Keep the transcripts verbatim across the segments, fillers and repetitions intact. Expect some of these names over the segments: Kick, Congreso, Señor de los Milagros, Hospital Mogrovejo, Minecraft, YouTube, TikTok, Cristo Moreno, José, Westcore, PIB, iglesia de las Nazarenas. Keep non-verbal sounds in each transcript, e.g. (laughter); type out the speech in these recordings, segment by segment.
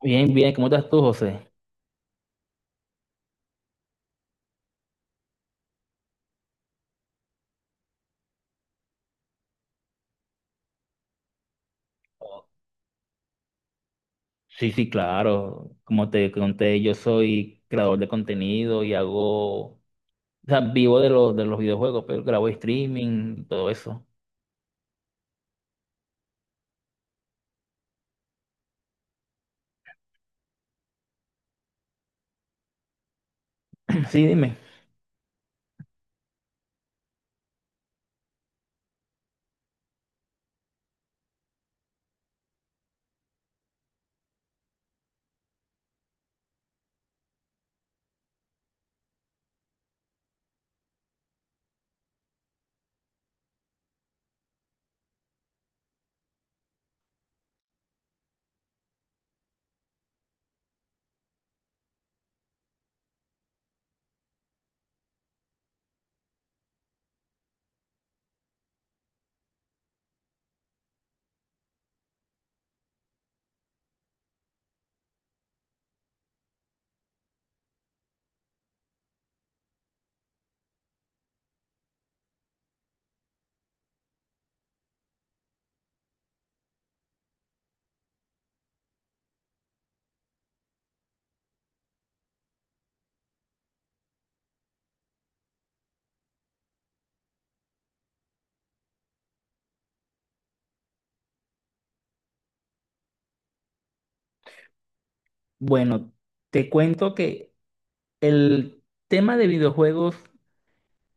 Bien, bien, ¿cómo estás tú, José? Sí, sí, claro. Como te conté, yo soy creador de contenido y hago, o sea, vivo de los, de los videojuegos, pero grabo streaming, todo eso. (clears throat) Sí, dime. Bueno, te cuento que el tema de videojuegos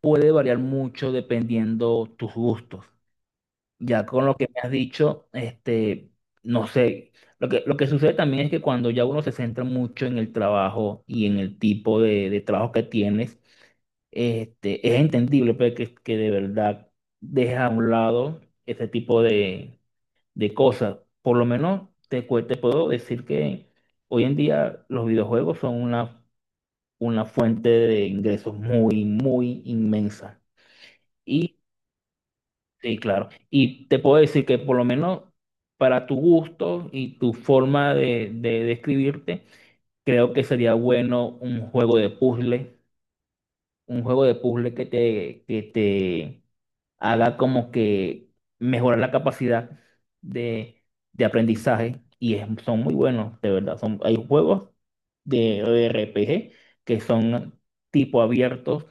puede variar mucho dependiendo tus gustos. Ya con lo que me has dicho, este, no sé, lo que, lo que sucede también es que cuando ya uno se centra mucho en el trabajo y en el tipo de, de trabajo que tienes, este, es entendible pues, que, que de verdad dejes a un lado ese tipo de, de cosas. Por lo menos te, cu- te puedo decir que hoy en día los videojuegos son una, una fuente de ingresos muy, muy inmensa. Sí, claro. Y te puedo decir que por lo menos para tu gusto y tu forma de, de describirte, creo que sería bueno un juego de puzzle, un juego de puzzle que te, que te haga como que mejorar la capacidad de, de aprendizaje. Y es- son muy buenos, de verdad. Son, hay juegos de R P G que son tipo abiertos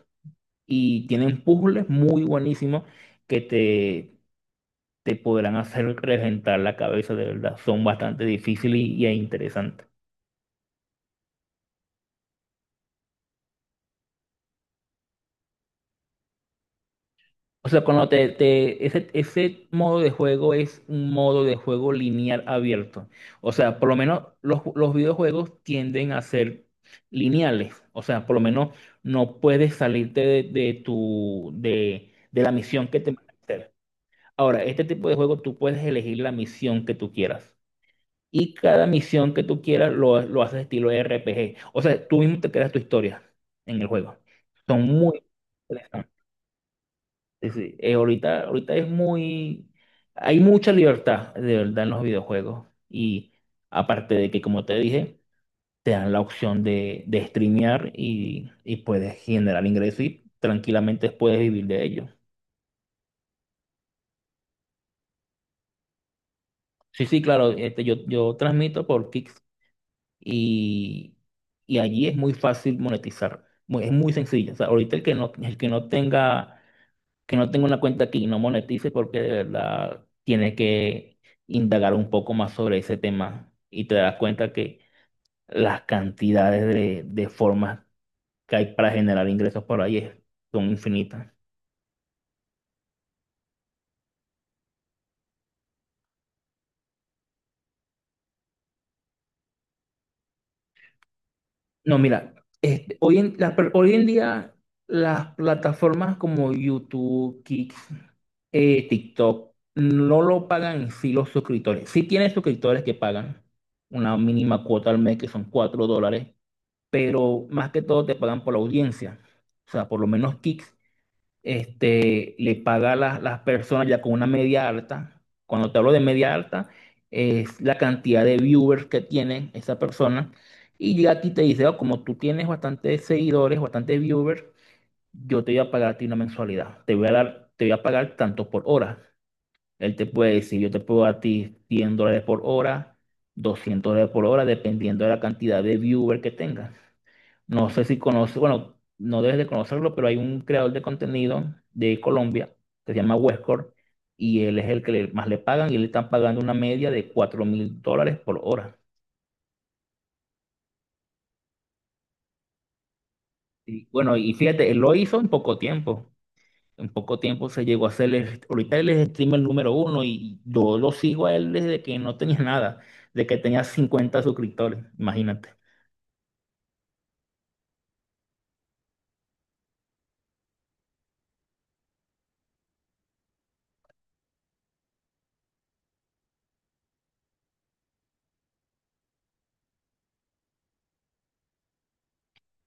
y tienen puzzles muy buenísimos que te te podrán hacer reventar la cabeza, de verdad. Son bastante difíciles y, e interesantes. O sea, cuando te, te- ese, ese modo de juego es un modo de juego lineal abierto. O sea, por lo menos los, los videojuegos tienden a ser lineales. O sea, por lo menos no puedes salirte de, de tu, de, de la misión que te van a hacer. Ahora, este tipo de juego tú puedes elegir la misión que tú quieras. Y cada misión que tú quieras lo, lo haces estilo R P G. O sea, tú mismo te creas tu historia en el juego. Son muy interesantes. Sí, sí. Eh, ahorita, ahorita es muy... Hay mucha libertad, de verdad, en los videojuegos. Y aparte de que, como te dije, te dan la opción de, de streamear y, y puedes generar ingresos y tranquilamente puedes vivir de ello. Sí, sí, claro, este, yo, yo transmito por Kick, y, y allí es muy fácil monetizar, muy- es muy sencillo. O sea, ahorita el que no, el que no tenga, que no tenga una cuenta aquí y no monetice porque de verdad tiene que indagar un poco más sobre ese tema y te das cuenta que las cantidades de, de formas que hay para generar ingresos por ahí es- son infinitas. No, mira, este, hoy en, la- hoy en día las plataformas como YouTube, Kick, eh, TikTok, no lo pagan en sí los suscriptores. Sí tienes suscriptores que pagan una mínima cuota al mes, que son cuatro dólares, pero más que todo te pagan por la audiencia. O sea, por lo menos Kick este, le paga a las, las personas ya con una media alta. Cuando te hablo de media alta, es la cantidad de viewers que tiene esa persona. Y llega a ti y te dice, "Oh, como tú tienes bastantes seguidores, bastantes viewers, yo te voy a pagar a ti una mensualidad. Te voy a dar, te voy a pagar tanto por hora. Él te puede decir, yo te puedo dar a ti cien dólares por hora, doscientos dólares por hora, dependiendo de la cantidad de viewers que tengas. No sé si conoces, bueno, no debes de conocerlo, pero hay un creador de contenido de Colombia que se llama Westcore y él es el que le- más le pagan y le están pagando una media de cuatro mil dólares por hora. Y bueno, y fíjate, él lo hizo en poco tiempo. En poco tiempo se llegó a ser, el- ahorita él es streamer número uno y yo lo sigo a él desde que no tenía (laughs) nada, de que tenía cincuenta suscriptores, imagínate.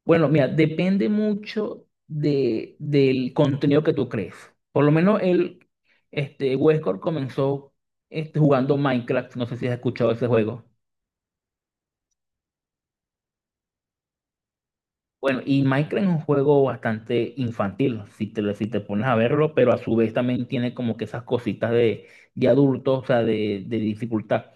Bueno, mira, depende mucho de, del contenido que tú crees. Por lo menos el este, Westcore comenzó este, jugando Minecraft. No sé si has escuchado ese juego. Bueno, y Minecraft es un juego bastante infantil, si te, si te pones a verlo, pero a su vez también tiene como que esas cositas de, de adulto, o sea, de, de dificultad.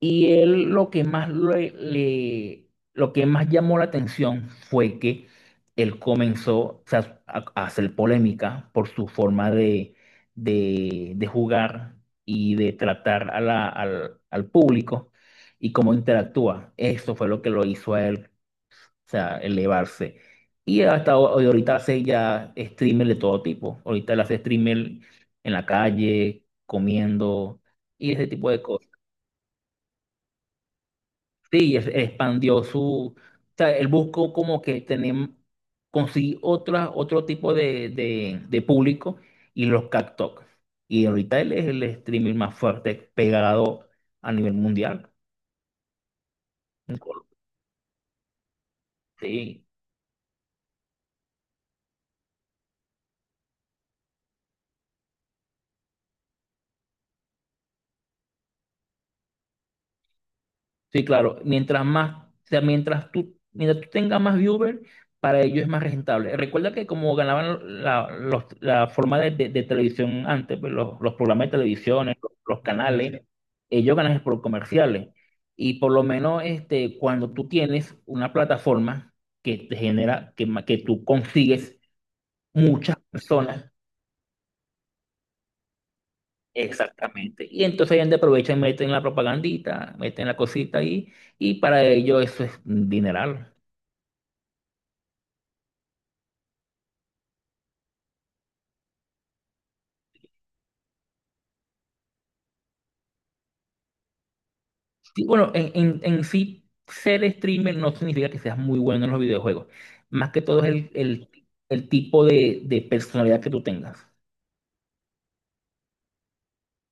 Y él lo que más le, le- lo que más llamó la atención fue que él comenzó o sea, a, a hacer polémica por su forma de, de- de jugar y de tratar a la- al, al público y cómo interactúa. Eso fue lo que lo hizo a él, o sea, elevarse. Y hasta hoy, ahorita hace ya streamer de todo tipo. Ahorita él hace streamer en la calle, comiendo y ese tipo de cosas. Sí, es- expandió su, o sea, él buscó como que tener, conseguir otra, otro tipo de, de, de público y los captó. Y ahorita él es el streaming más fuerte, pegado a nivel mundial. Sí. Sí, claro. Mientras más, o sea, mientras tú, mientras tú tengas más viewers, para ellos es más rentable. Recuerda que como ganaban la, los- la forma de, de- de televisión antes, pues, los, los programas de televisión, los, los canales, ellos ganan por comerciales. Y por lo menos este, cuando tú tienes una plataforma que te genera, que, ma- que tú consigues muchas personas, exactamente. Y entonces ellos aprovechan y meten la propagandita, meten la cosita ahí, y para ellos eso es un dineral. Sí, bueno, en, en, en sí, ser streamer no significa que seas muy bueno en los videojuegos. Más que todo es el, el, el tipo de, de personalidad que tú tengas.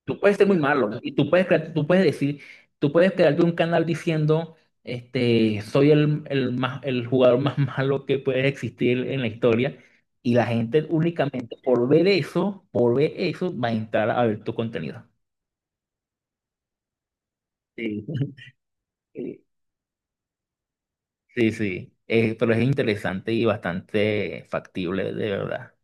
Tú puedes ser muy malo y tú puedes, crear- tú puedes decir, tú puedes crearte un canal diciendo, este, soy el, el, más, el jugador más (laughs) malo que puede existir en la historia y la gente únicamente por ver eso, por ver eso, va a entrar a ver tu contenido. Sí. Sí, sí, eh, pero es interesante y bastante factible, de verdad.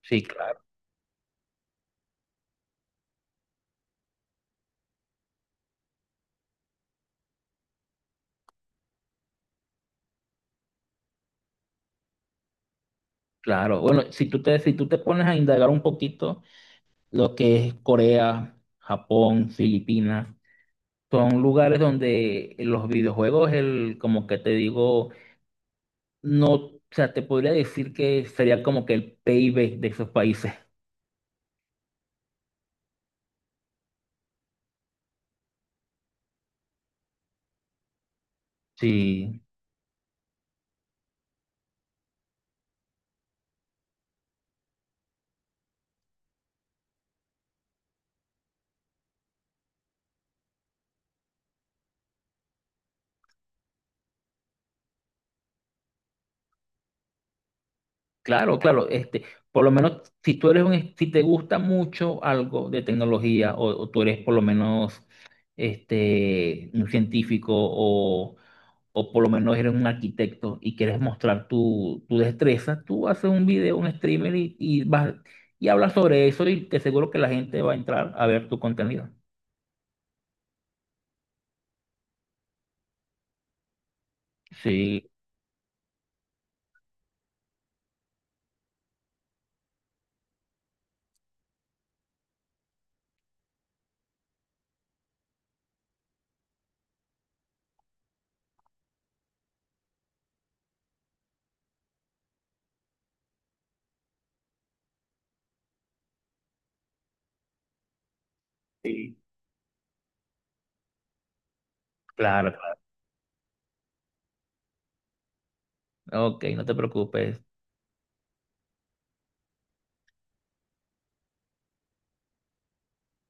Sí, claro. Claro, bueno, si tú te, si tú te pones a indagar un poquito, lo que es Corea, Japón, Filipinas, son lugares donde los videojuegos, el, como que te digo, no, o sea, te podría decir que sería como que el P I B de esos países. Sí, claro, claro, este, por lo menos si tú eres un, es- si te gusta mucho algo de tecnología o, o tú eres por lo menos este, un científico o, o por lo menos eres un arquitecto y quieres mostrar tu, tu destreza, tú haces un video, un streamer y, y vas y hablas sobre eso y te aseguro que la gente va a entrar a ver tu contenido. Sí, sí, claro, claro. Ok, no te preocupes.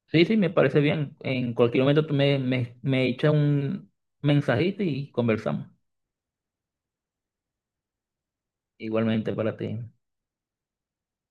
Sí, sí, me parece bien. En cualquier momento tú me, me, me echas un mensajito y conversamos. Igualmente para ti.